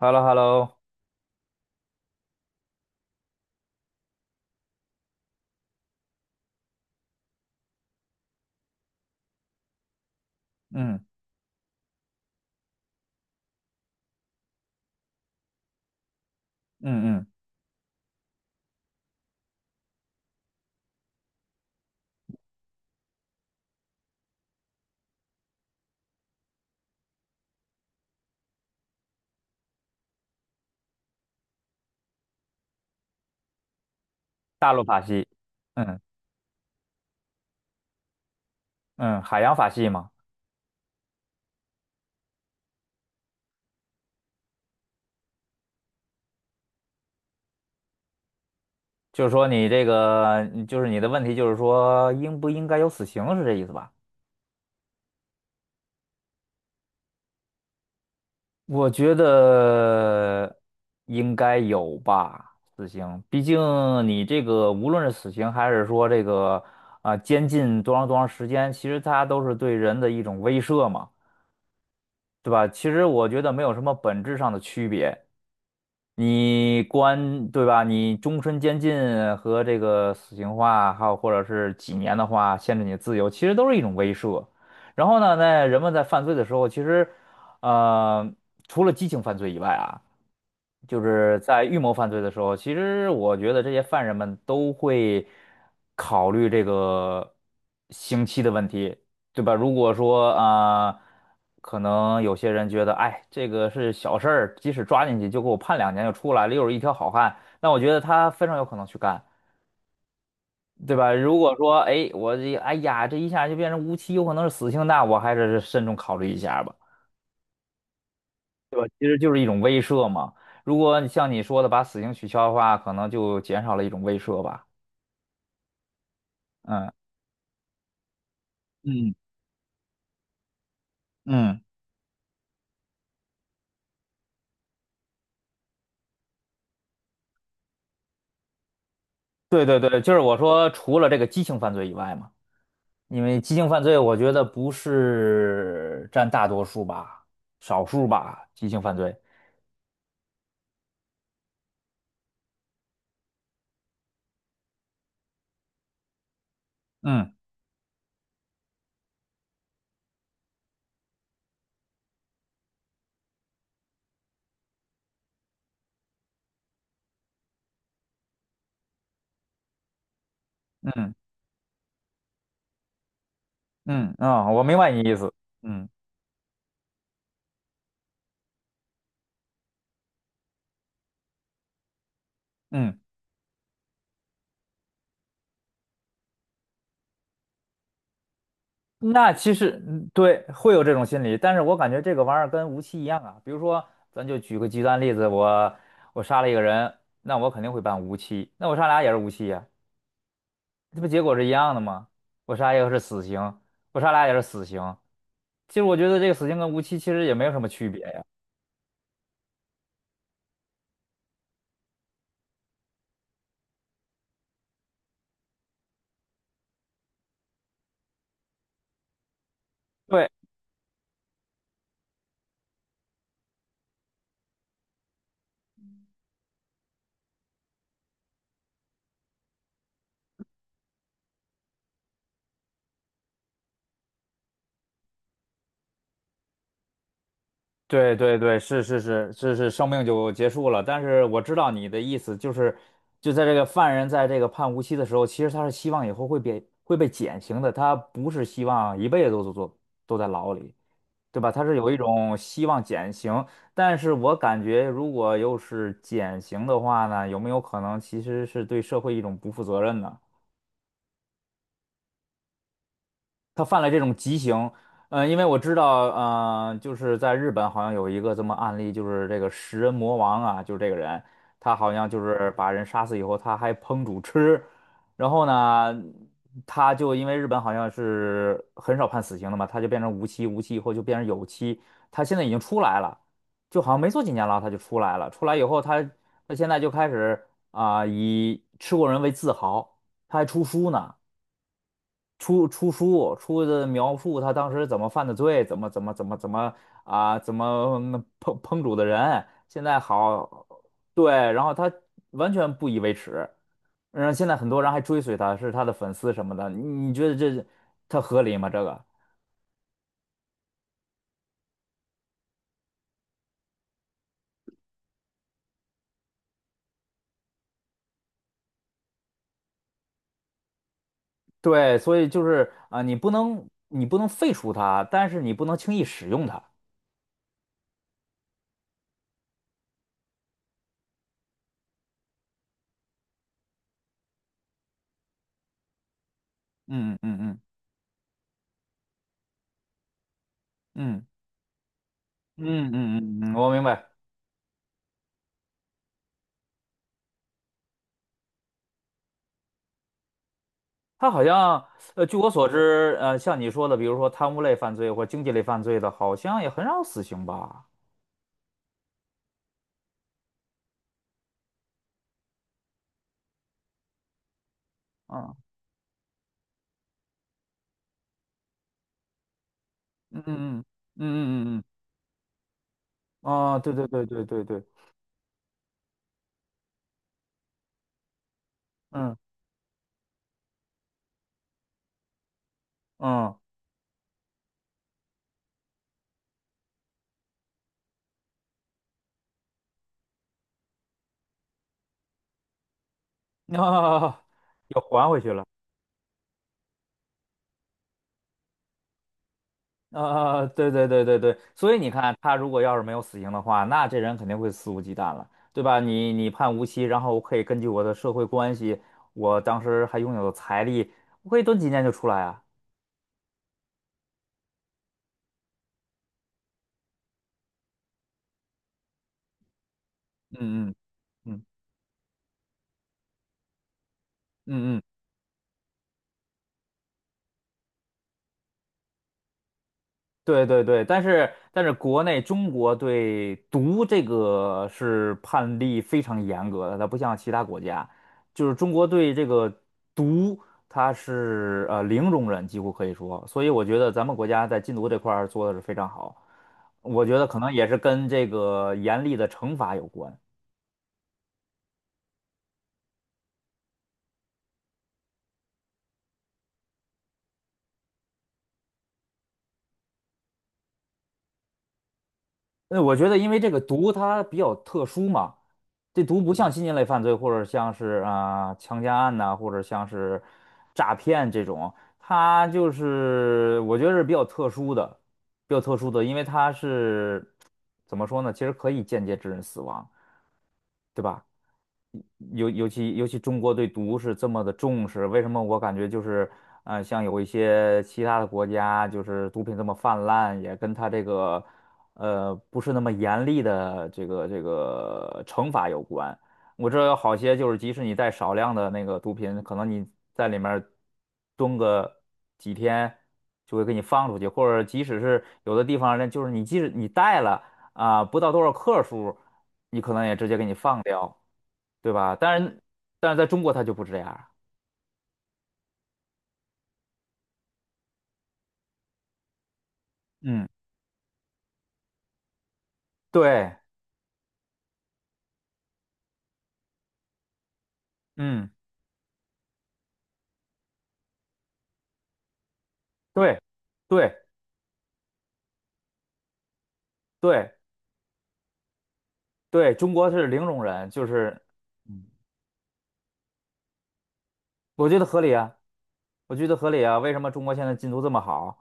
h e l l o h e l l o 嗯嗯嗯，大陆法系，嗯嗯，海洋法系嘛。就是说你这个，你就是你的问题，就是说应不应该有死刑，是这意思吧？我觉得应该有吧，死刑，毕竟你这个无论是死刑还是说这个啊、监禁多长多长时间，其实它都是对人的一种威慑嘛，对吧？其实我觉得没有什么本质上的区别。对吧？你终身监禁和这个死刑化，还有或者是几年的话，限制你的自由，其实都是一种威慑。然后呢，在人们在犯罪的时候，其实，呃，除了激情犯罪以外啊。就是在预谋犯罪的时候，其实我觉得这些犯人们都会考虑这个刑期的问题，对吧？如果说啊、可能有些人觉得，哎，这个是小事儿，即使抓进去就给我判2年就出来了，又是一条好汉，那我觉得他非常有可能去干，对吧？如果说，哎，我这，哎呀，这一下就变成无期，有可能是死刑，那我还是慎重考虑一下吧。其实就是一种威慑嘛。如果你像你说的把死刑取消的话，可能就减少了一种威慑吧。嗯嗯嗯，对对对，就是我说除了这个激情犯罪以外嘛，因为激情犯罪我觉得不是占大多数吧，少数吧，激情犯罪。嗯嗯嗯啊，我明白你意思。嗯嗯。那其实，嗯对，会有这种心理，但是我感觉这个玩意儿跟无期一样啊。比如说，咱就举个极端例子，我杀了一个人，那我肯定会判无期，那我杀俩也是无期呀、这不结果是一样的吗？我杀一个是死刑，我杀俩也是死刑。其实我觉得这个死刑跟无期其实也没有什么区别呀。对。对对对，是是是是是，生命就结束了。但是我知道你的意思，就是就在这个犯人在这个判无期的时候，其实他是希望以后会被减刑的，他不是希望一辈子都在牢里，对吧？他是有一种希望减刑，但是我感觉如果又是减刑的话呢，有没有可能其实是对社会一种不负责任呢？他犯了这种极刑，因为我知道，就是在日本好像有一个这么案例，就是这个食人魔王啊，就是这个人，他好像就是把人杀死以后，他还烹煮吃，然后呢，他就因为日本好像是很少判死刑的嘛，他就变成无期，无期以后就变成有期，他现在已经出来了，就好像没坐几年牢他就出来了，出来以后他现在就开始啊、以吃过人为自豪，他还出书呢。出书，出的描述他当时怎么犯的罪，怎么啊，怎么嗯烹煮的人，现在好，对，然后他完全不以为耻，然后现在很多人还追随他，是他的粉丝什么的，你觉得他合理吗？这个？对，所以就是啊，你不能废除他，但是你不能轻易使用它。嗯嗯嗯嗯嗯嗯嗯嗯嗯，我明白。他好像，据我所知，像你说的，比如说贪污类犯罪或经济类犯罪的，好像也很少死刑吧？嗯嗯嗯嗯嗯嗯嗯，啊，对对对对对对，嗯嗯，啊，又还回去了。啊，对对对对对，所以你看，他如果要是没有死刑的话，那这人肯定会肆无忌惮了，对吧？你判无期，然后我可以根据我的社会关系，我当时还拥有财力，我可以蹲几年就出来啊。嗯嗯嗯嗯嗯对对对，但是国内中国对毒这个是判例非常严格的，它不像其他国家，就是中国对这个毒它是零容忍，几乎可以说，所以我觉得咱们国家在禁毒这块儿做的是非常好，我觉得可能也是跟这个严厉的惩罚有关。我觉得因为这个毒它比较特殊嘛，这毒不像新型类犯罪或者像是啊、强奸案呐、或者像是诈骗这种，它就是我觉得是比较特殊的，因为它是怎么说呢？其实可以间接致人死亡，对吧？尤其中国对毒是这么的重视，为什么我感觉就是，像有一些其他的国家，就是毒品这么泛滥，也跟它这个，不是那么严厉的这个惩罚有关。我知道有好些就是，即使你带少量的那个毒品，可能你在里面蹲个几天，就会给你放出去，或者即使是有的地方呢，就是你即使你带了啊，不到多少克数，你可能也直接给你放掉。对吧？但是，在中国它就不这样儿嗯对嗯对对对对，中国是零容忍，就是我觉得合理啊，我觉得合理啊。为什么中国现在进度这么好，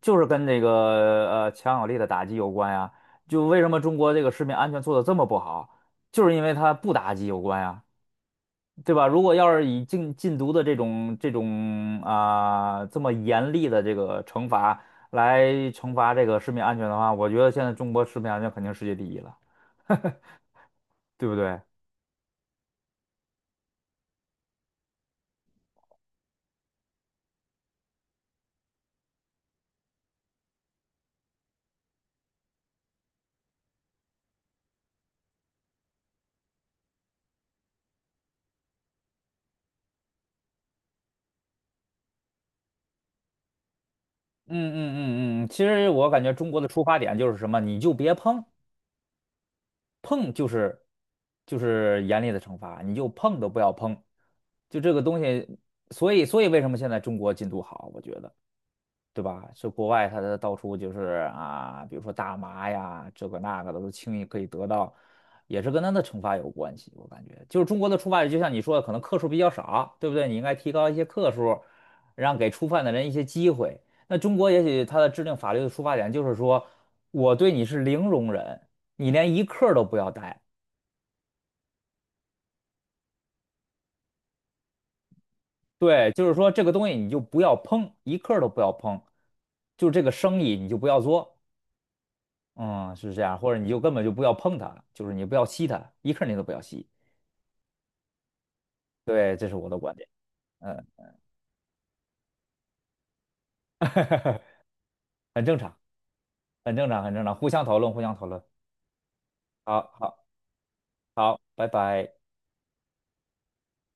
就是跟这个强有力的打击有关呀？就为什么中国这个食品安全做的这么不好，就是因为它不打击有关呀。对吧？如果要是以禁毒的这种啊、这么严厉的这个惩罚来惩罚这个食品安全的话，我觉得现在中国食品安全肯定世界第一了，对不对？嗯嗯嗯嗯，其实我感觉中国的出发点就是什么，你就别碰，碰就是严厉的惩罚，你就碰都不要碰，就这个东西，所以为什么现在中国禁毒好，我觉得。对吧？这国外他的到处就是啊，比如说大麻呀，这个那个的都轻易可以得到，也是跟他的惩罚有关系。我感觉，就是中国的触点，就像你说的，可能克数比较少，对不对？你应该提高一些克数，让给触犯的人一些机会。那中国也许它的制定法律的出发点就是说，我对你是零容忍，你连一克儿都不要带。对，就是说这个东西你就不要碰，一克儿都不要碰，就这个生意你就不要做。嗯，是这样，或者你就根本就不要碰它，就是你不要吸它，一刻你都不要吸。对，这是我的观点。嗯，很正常，很正常，很正常，互相讨论，互相讨论。好，好，好，拜拜。